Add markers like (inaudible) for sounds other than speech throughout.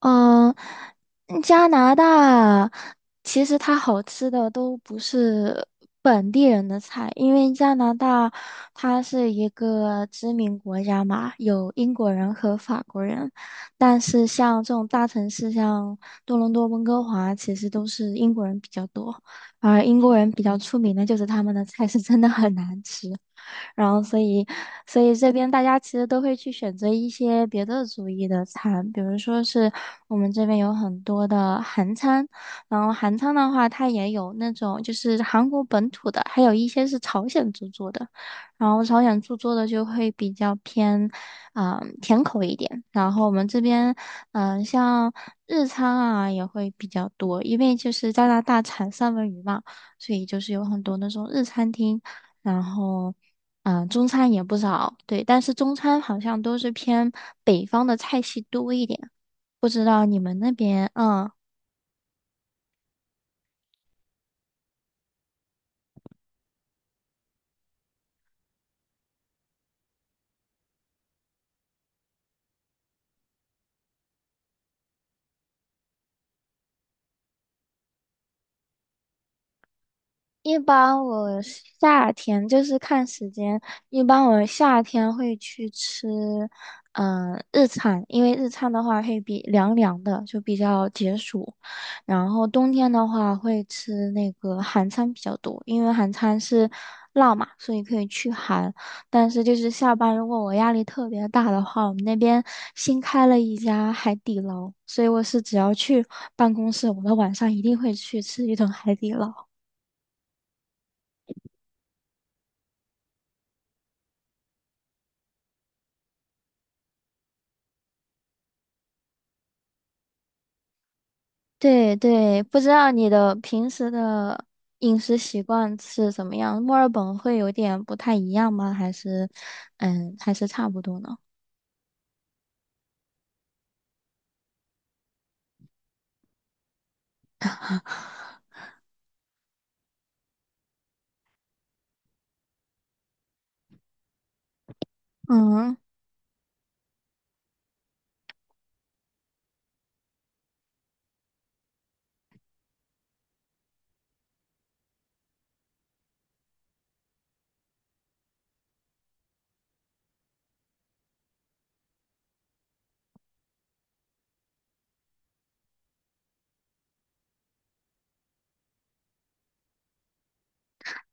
嗯，加拿大其实它好吃的都不是本地人的菜，因为加拿大它是一个殖民国家嘛，有英国人和法国人，但是像这种大城市，像多伦多、温哥华，其实都是英国人比较多，而英国人比较出名的就是他们的菜是真的很难吃，然后所以这边大家其实都会去选择一些别的族裔的餐，比如说是我们这边有很多的韩餐，然后韩餐的话，它也有那种就是韩国本土的，还有一些是朝鲜族做的，然后朝鲜族做的就会比较偏，甜口一点。然后我们这边，像日餐啊也会比较多，因为就是加拿大产三文鱼嘛，所以就是有很多那种日餐厅，然后。中餐也不少，对，但是中餐好像都是偏北方的菜系多一点，不知道你们那边，嗯。一般我夏天就是看时间，一般我夏天会去吃，日餐，因为日餐的话会比凉凉的，就比较解暑。然后冬天的话会吃那个韩餐比较多，因为韩餐是辣嘛，所以可以去寒。但是就是下班如果我压力特别大的话，我们那边新开了一家海底捞，所以我是只要去办公室，我的晚上一定会去吃一顿海底捞。对对，不知道你的平时的饮食习惯是怎么样？墨尔本会有点不太一样吗？还是，嗯，还是差不多呢？嗯。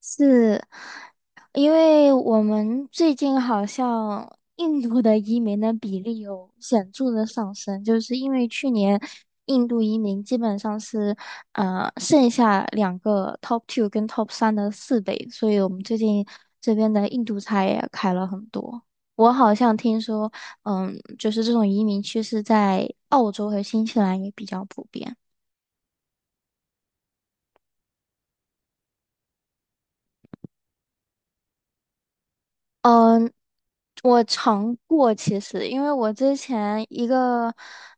是因为我们最近好像印度的移民的比例有显著的上升，就是因为去年印度移民基本上是剩下两个 top two 跟 top 3的4倍，所以我们最近这边的印度菜也开了很多。我好像听说，就是这种移民趋势在澳洲和新西兰也比较普遍。嗯，我尝过，其实因为我之前一个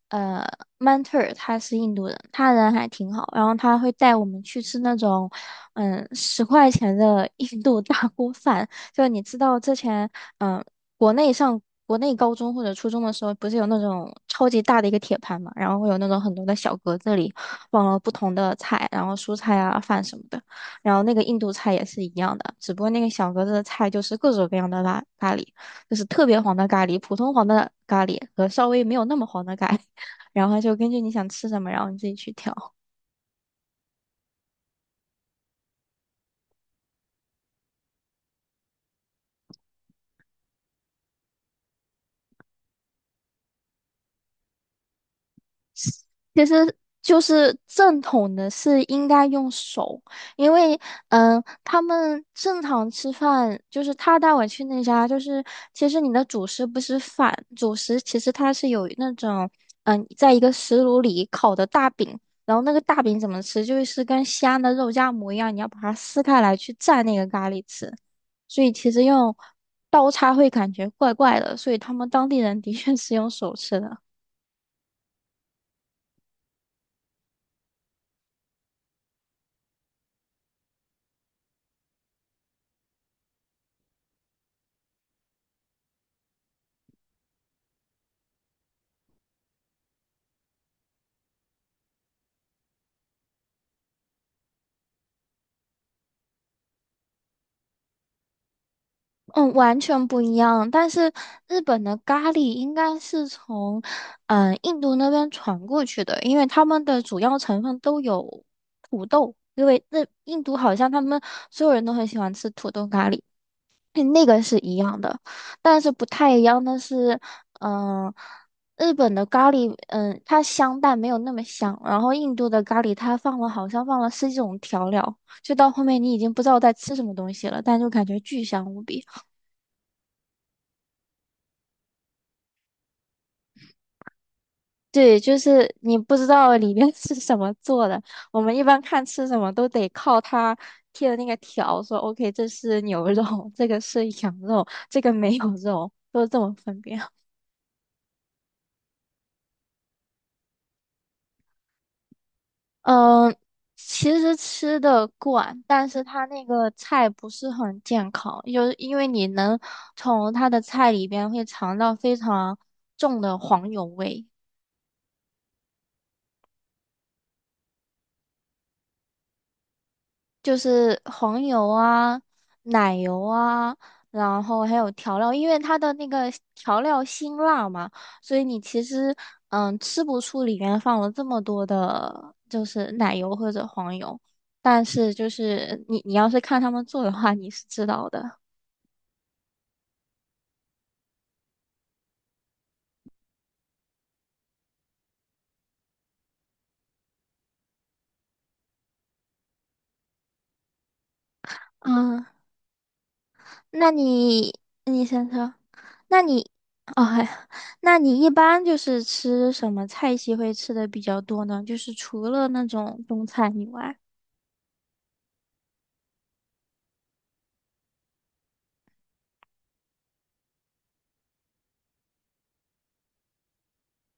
呃 mentor 他是印度人，他人还挺好，然后他会带我们去吃那种10块钱的 (laughs) 印度大锅饭，就你知道之前嗯国内上国内高中或者初中的时候，不是有那种超级大的一个铁盘嘛，然后会有那种很多的小格子里放了不同的菜，然后蔬菜啊饭什么的。然后那个印度菜也是一样的，只不过那个小格子的菜就是各种各样的咖喱，就是特别黄的咖喱、普通黄的咖喱和稍微没有那么黄的咖喱，(laughs) 然后就根据你想吃什么，然后你自己去挑。其实就是正统的是应该用手，因为他们正常吃饭，就是他带我去那家，就是其实你的主食不是饭，主食其实它是有那种在一个石炉里烤的大饼，然后那个大饼怎么吃，就是跟西安的肉夹馍一样，你要把它撕开来去蘸那个咖喱吃，所以其实用刀叉会感觉怪怪的，所以他们当地人的确是用手吃的。嗯，完全不一样。但是日本的咖喱应该是从印度那边传过去的，因为他们的主要成分都有土豆，因为那印度好像他们所有人都很喜欢吃土豆咖喱，那个是一样的。但是不太一样的是，嗯、日本的咖喱，它香但没有那么香，然后印度的咖喱它放了好像放了十几种调料，就到后面你已经不知道在吃什么东西了，但就感觉巨香无比。对，就是你不知道里面 (laughs) 是什么做的。我们一般看吃什么都得靠它贴的那个条，说 OK，这是牛肉，这个是羊肉，这个没有肉，都是这么分辨。嗯，其实吃的惯，但是它那个菜不是很健康，就是因为你能从它的菜里边会尝到非常重的黄油味。就是黄油啊、奶油啊，然后还有调料，因为它的那个调料辛辣嘛，所以你其实吃不出里面放了这么多的，就是奶油或者黄油。但是就是你要是看他们做的话，你是知道的。嗯，那你先说，那你哦，哎那你一般就是吃什么菜系会吃的比较多呢？就是除了那种中餐以外。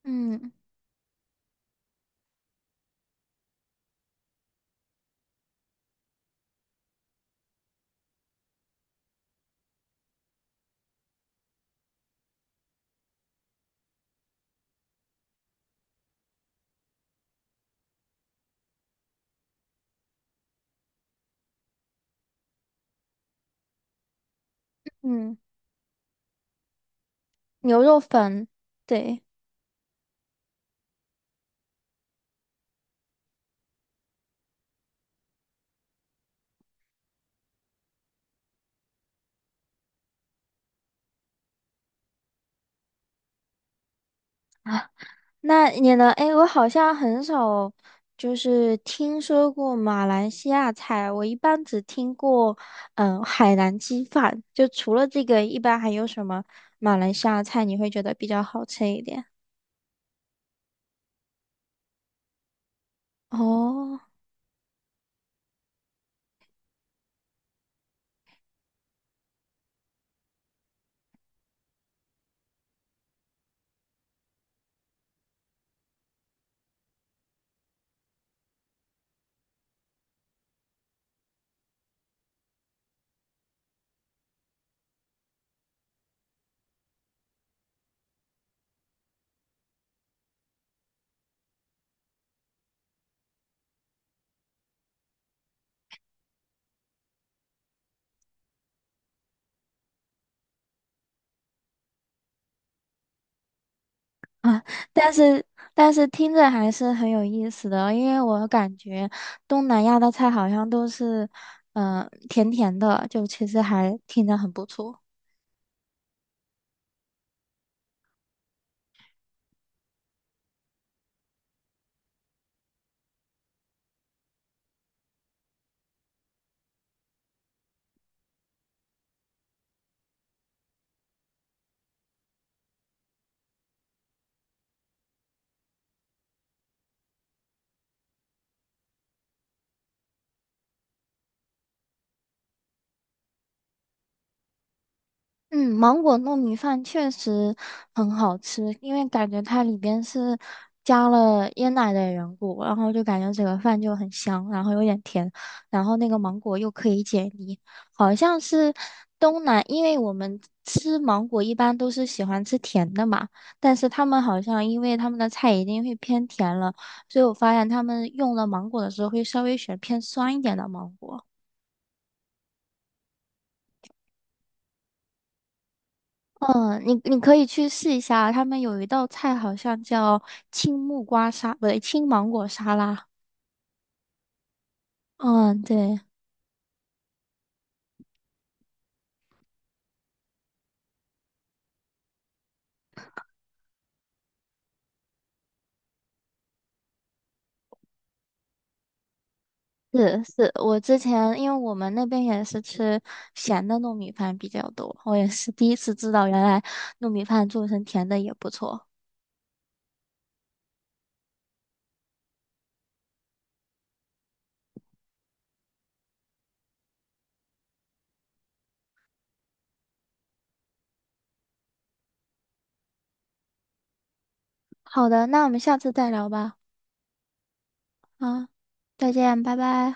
嗯。嗯，牛肉粉，对啊，那你呢？哎，我好像很少就是听说过马来西亚菜，我一般只听过海南鸡饭。就除了这个，一般还有什么马来西亚菜你会觉得比较好吃一点？哦，啊，但是但是听着还是很有意思的，因为我感觉东南亚的菜好像都是甜甜的，就其实还听着很不错。嗯，芒果糯米饭确实很好吃，因为感觉它里边是加了椰奶的缘故，然后就感觉整个饭就很香，然后有点甜，然后那个芒果又可以解腻，好像是东南，因为我们吃芒果一般都是喜欢吃甜的嘛，但是他们好像因为他们的菜一定会偏甜了，所以我发现他们用了芒果的时候会稍微选偏酸一点的芒果。嗯，你可以去试一下，他们有一道菜好像叫青木瓜沙，不对，青芒果沙拉。嗯，对，是是，我之前因为我们那边也是吃咸的糯米饭比较多，我也是第一次知道原来糯米饭做成甜的也不错。好的，那我们下次再聊吧。啊，再见，拜拜。